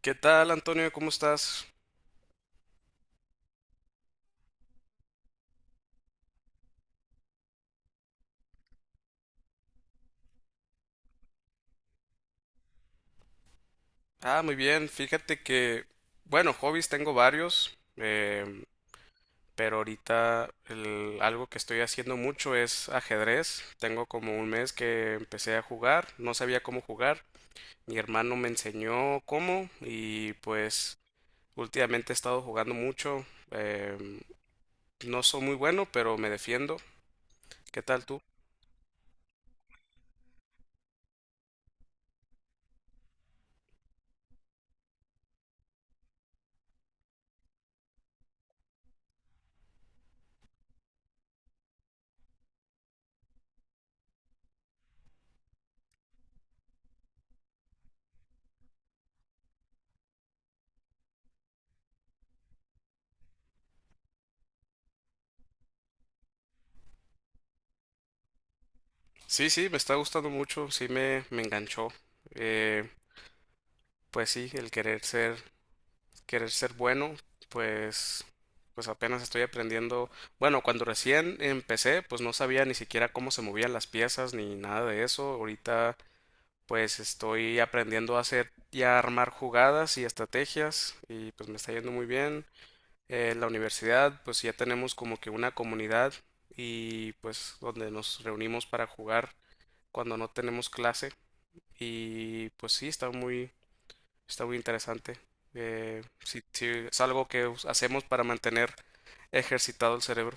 ¿Qué tal, Antonio? ¿Cómo estás? Ah, muy bien. Fíjate que, bueno, hobbies tengo varios. Pero ahorita algo que estoy haciendo mucho es ajedrez. Tengo como un mes que empecé a jugar, no sabía cómo jugar. Mi hermano me enseñó cómo y pues últimamente he estado jugando mucho. em, no soy muy bueno, pero me defiendo. ¿Qué tal tú? Sí, sí, me está gustando mucho, sí me enganchó. Eh, pues sí, el querer ser bueno, pues, pues apenas estoy aprendiendo. Bueno, cuando recién empecé, pues no sabía ni siquiera cómo se movían las piezas ni nada de eso. Ahorita, pues estoy aprendiendo a hacer y a armar jugadas y estrategias y pues me está yendo muy bien. En la universidad, pues ya tenemos como que una comunidad y pues donde nos reunimos para jugar cuando no tenemos clase. Y pues sí, está muy interesante. Sí, sí, es algo que hacemos para mantener ejercitado el cerebro.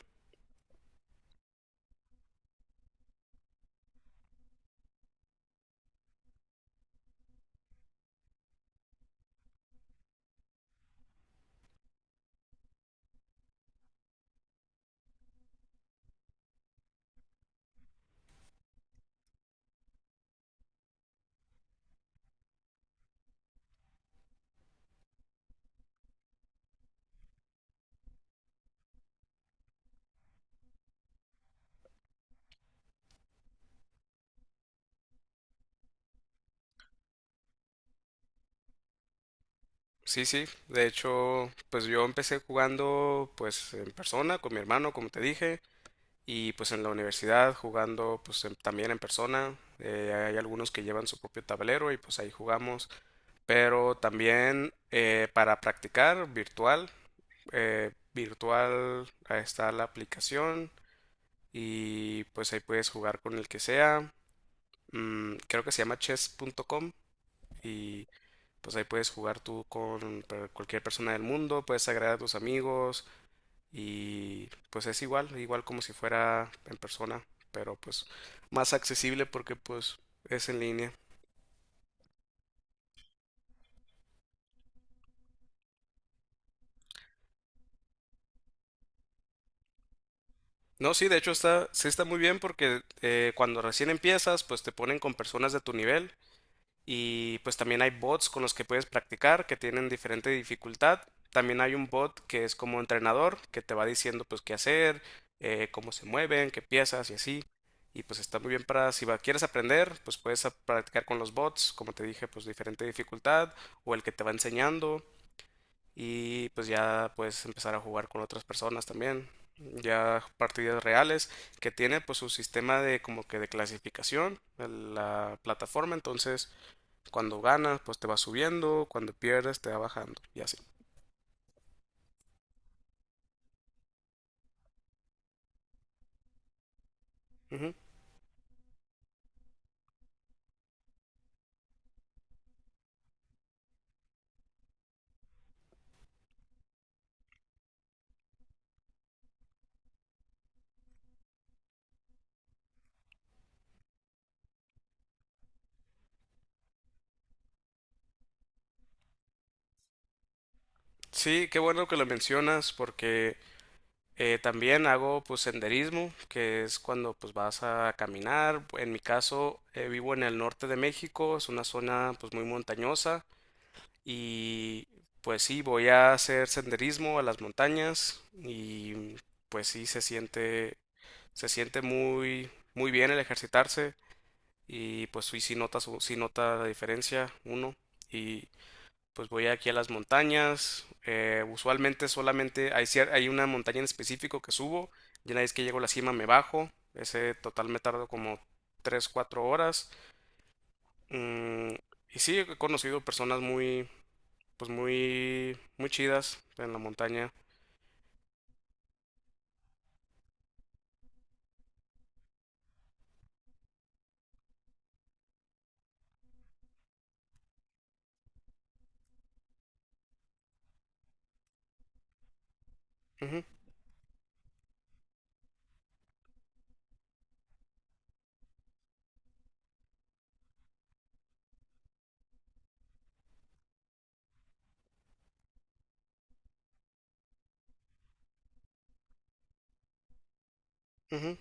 Sí, sí. De hecho, pues yo empecé jugando pues en persona con mi hermano, como te dije, y pues en la universidad jugando también en persona. Hay algunos que llevan su propio tablero y pues ahí jugamos. Pero también para practicar virtual, virtual ahí está la aplicación y pues ahí puedes jugar con el que sea. Mm, creo que se llama chess.com y pues ahí puedes jugar tú con cualquier persona del mundo, puedes agregar a tus amigos y pues es igual, igual como si fuera en persona, pero pues más accesible porque pues es en línea. No, sí, de hecho está, sí está muy bien porque cuando recién empiezas, pues te ponen con personas de tu nivel. Y pues también hay bots con los que puedes practicar que tienen diferente dificultad. También hay un bot que es como entrenador que te va diciendo pues qué hacer, cómo se mueven, qué piezas y así. Y pues está muy bien para si va- quieres aprender, pues puedes practicar con los bots, como te dije, pues diferente dificultad o el que te va enseñando. Y pues ya puedes empezar a jugar con otras personas también. Ya partidas reales que tiene pues su sistema de como que de clasificación, de la plataforma. Entonces cuando ganas, pues te va subiendo, cuando pierdes, te va bajando y así. Ujú. Sí, qué bueno que lo mencionas porque también hago pues senderismo, que es cuando pues vas a caminar. En mi caso, vivo en el norte de México, es una zona pues muy montañosa y pues sí, voy a hacer senderismo a las montañas y pues sí se siente muy muy bien el ejercitarse. Y pues sí, sí nota la diferencia uno y pues voy aquí a las montañas, usualmente solamente hay una montaña en específico que subo y una vez que llego a la cima me bajo, ese total me tardo como tres cuatro horas. Mm, y sí, he conocido personas pues muy, muy chidas en la montaña. Ujú, ujú.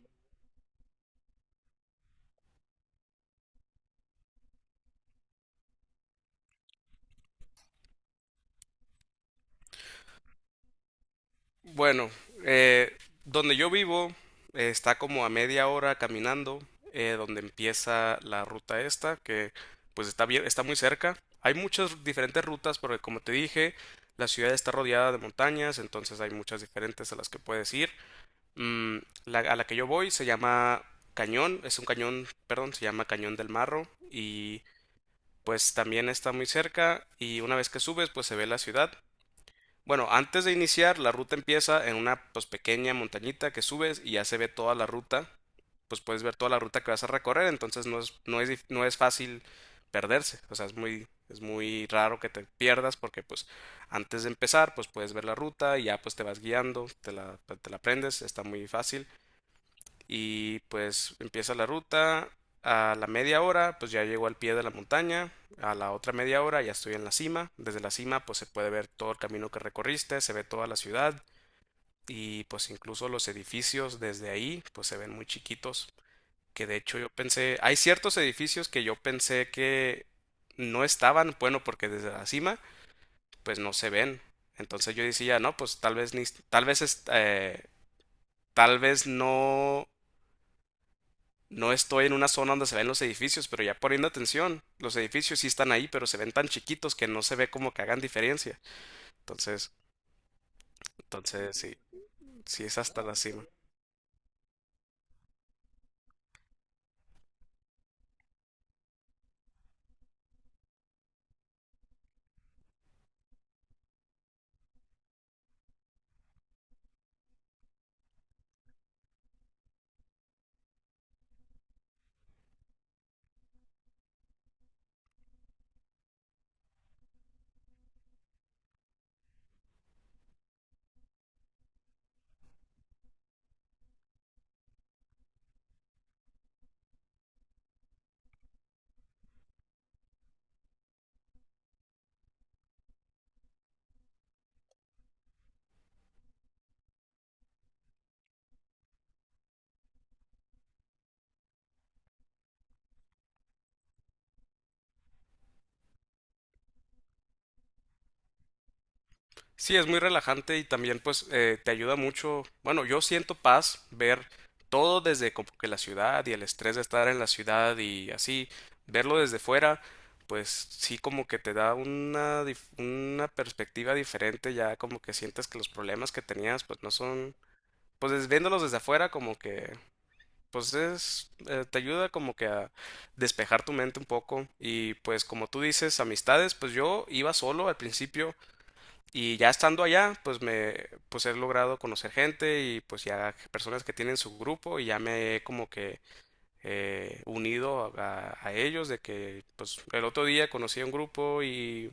Bueno, eh, donde yo vivo está como a media hora caminando, donde empieza la ruta esta, que pues está bien, está muy cerca. Hay muchas diferentes rutas, porque como te dije, la ciudad está rodeada de montañas, entonces hay muchas diferentes a las que puedes ir. Mm, a la que yo voy se llama Cañón, es un cañón, perdón, se llama Cañón del Marro y pues también está muy cerca y una vez que subes pues se ve la ciudad. Bueno, antes de iniciar, la ruta empieza en una pues pequeña montañita que subes y ya se ve toda la ruta. Pues puedes ver toda la ruta que vas a recorrer, entonces no es fácil perderse. O sea, es muy raro que te pierdas porque pues antes de empezar, pues puedes ver la ruta y ya pues te vas guiando, te la aprendes, está muy fácil y pues empieza la ruta. A la media hora, pues ya llego al pie de la montaña. A la otra media hora ya estoy en la cima. Desde la cima, pues se puede ver todo el camino que recorriste, se ve toda la ciudad y pues incluso los edificios desde ahí, pues se ven muy chiquitos. Que de hecho yo pensé, hay ciertos edificios que yo pensé que no estaban, bueno, porque desde la cima, pues no se ven. Entonces yo decía, no, pues tal vez es- eh, tal vez no no estoy en una zona donde se ven los edificios, pero ya poniendo atención, los edificios sí están ahí, pero se ven tan chiquitos que no se ve como que hagan diferencia. Entonces, entonces sí, sí es hasta la cima. Sí, es muy relajante y también pues te ayuda mucho. Bueno, yo siento paz ver todo desde como que la ciudad y el estrés de estar en la ciudad y así, verlo desde fuera, pues sí como que te da una perspectiva diferente, ya como que sientes que los problemas que tenías pues no son viéndolos desde afuera como que pues es te ayuda como que a despejar tu mente un poco y pues como tú dices amistades pues yo iba solo al principio y ya estando allá pues he logrado conocer gente y pues ya personas que tienen su grupo y ya me he como que unido a ellos de que pues el otro día conocí a un grupo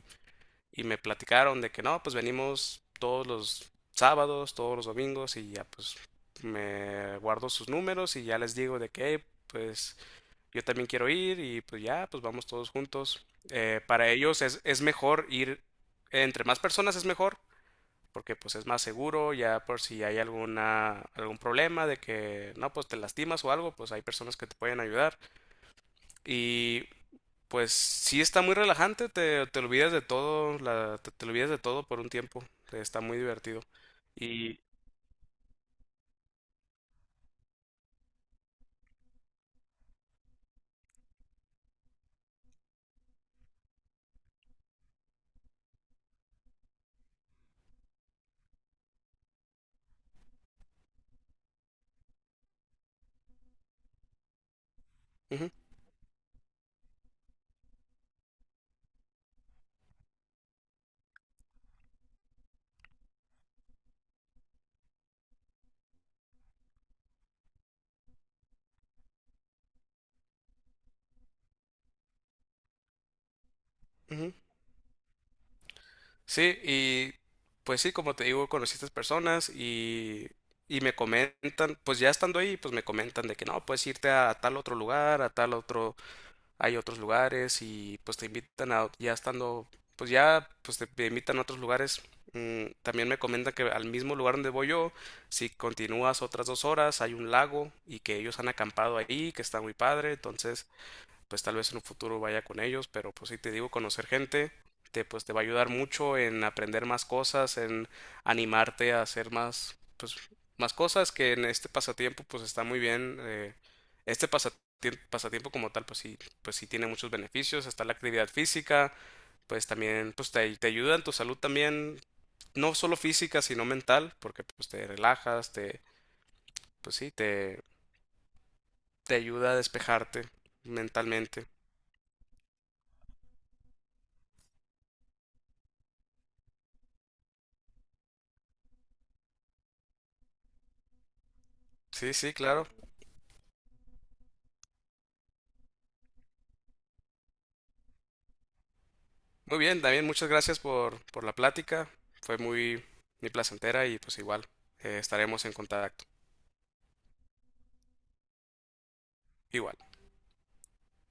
y me platicaron de que no, pues venimos todos los sábados, todos los domingos y ya pues me guardo sus números y ya les digo de que "Hey, pues yo también quiero ir y pues ya, pues vamos todos juntos. Para ellos es mejor ir, entre más personas es mejor, porque pues es más seguro, ya por si hay algún problema de que no, pues te lastimas o algo, pues hay personas que te pueden ayudar. Y pues sí está muy relajante, te olvidas de todo, te olvidas de todo por un tiempo, está muy divertido. Y... ujú, ujú. Sí, y pues sí, como te digo, conocí a estas personas y me comentan, pues ya estando ahí, pues me comentan de que no, puedes irte a, tal otro lugar, a tal otro hay otros lugares y pues te invitan a, ya estando, pues ya, pues te invitan a otros lugares. Mm, también me comentan que al mismo lugar donde voy yo, si continúas otras dos horas, hay un lago y que ellos han acampado ahí, que está muy padre. Entonces, pues tal vez en un futuro vaya con ellos, pero pues sí te digo, conocer gente pues te va a ayudar mucho en aprender más cosas, en animarte a hacer más, pues, más cosas que en este pasatiempo pues está muy bien. Pasatiempo como tal pues sí tiene muchos beneficios, está la actividad física, pues también pues te ayuda en tu salud también, no solo física sino mental, porque pues te relajas, pues sí, te ayuda a despejarte mentalmente. Sí, sí, claro. Muy bien, también muchas gracias por la plática. Fue muy, muy placentera y pues igual estaremos en contacto. Igual.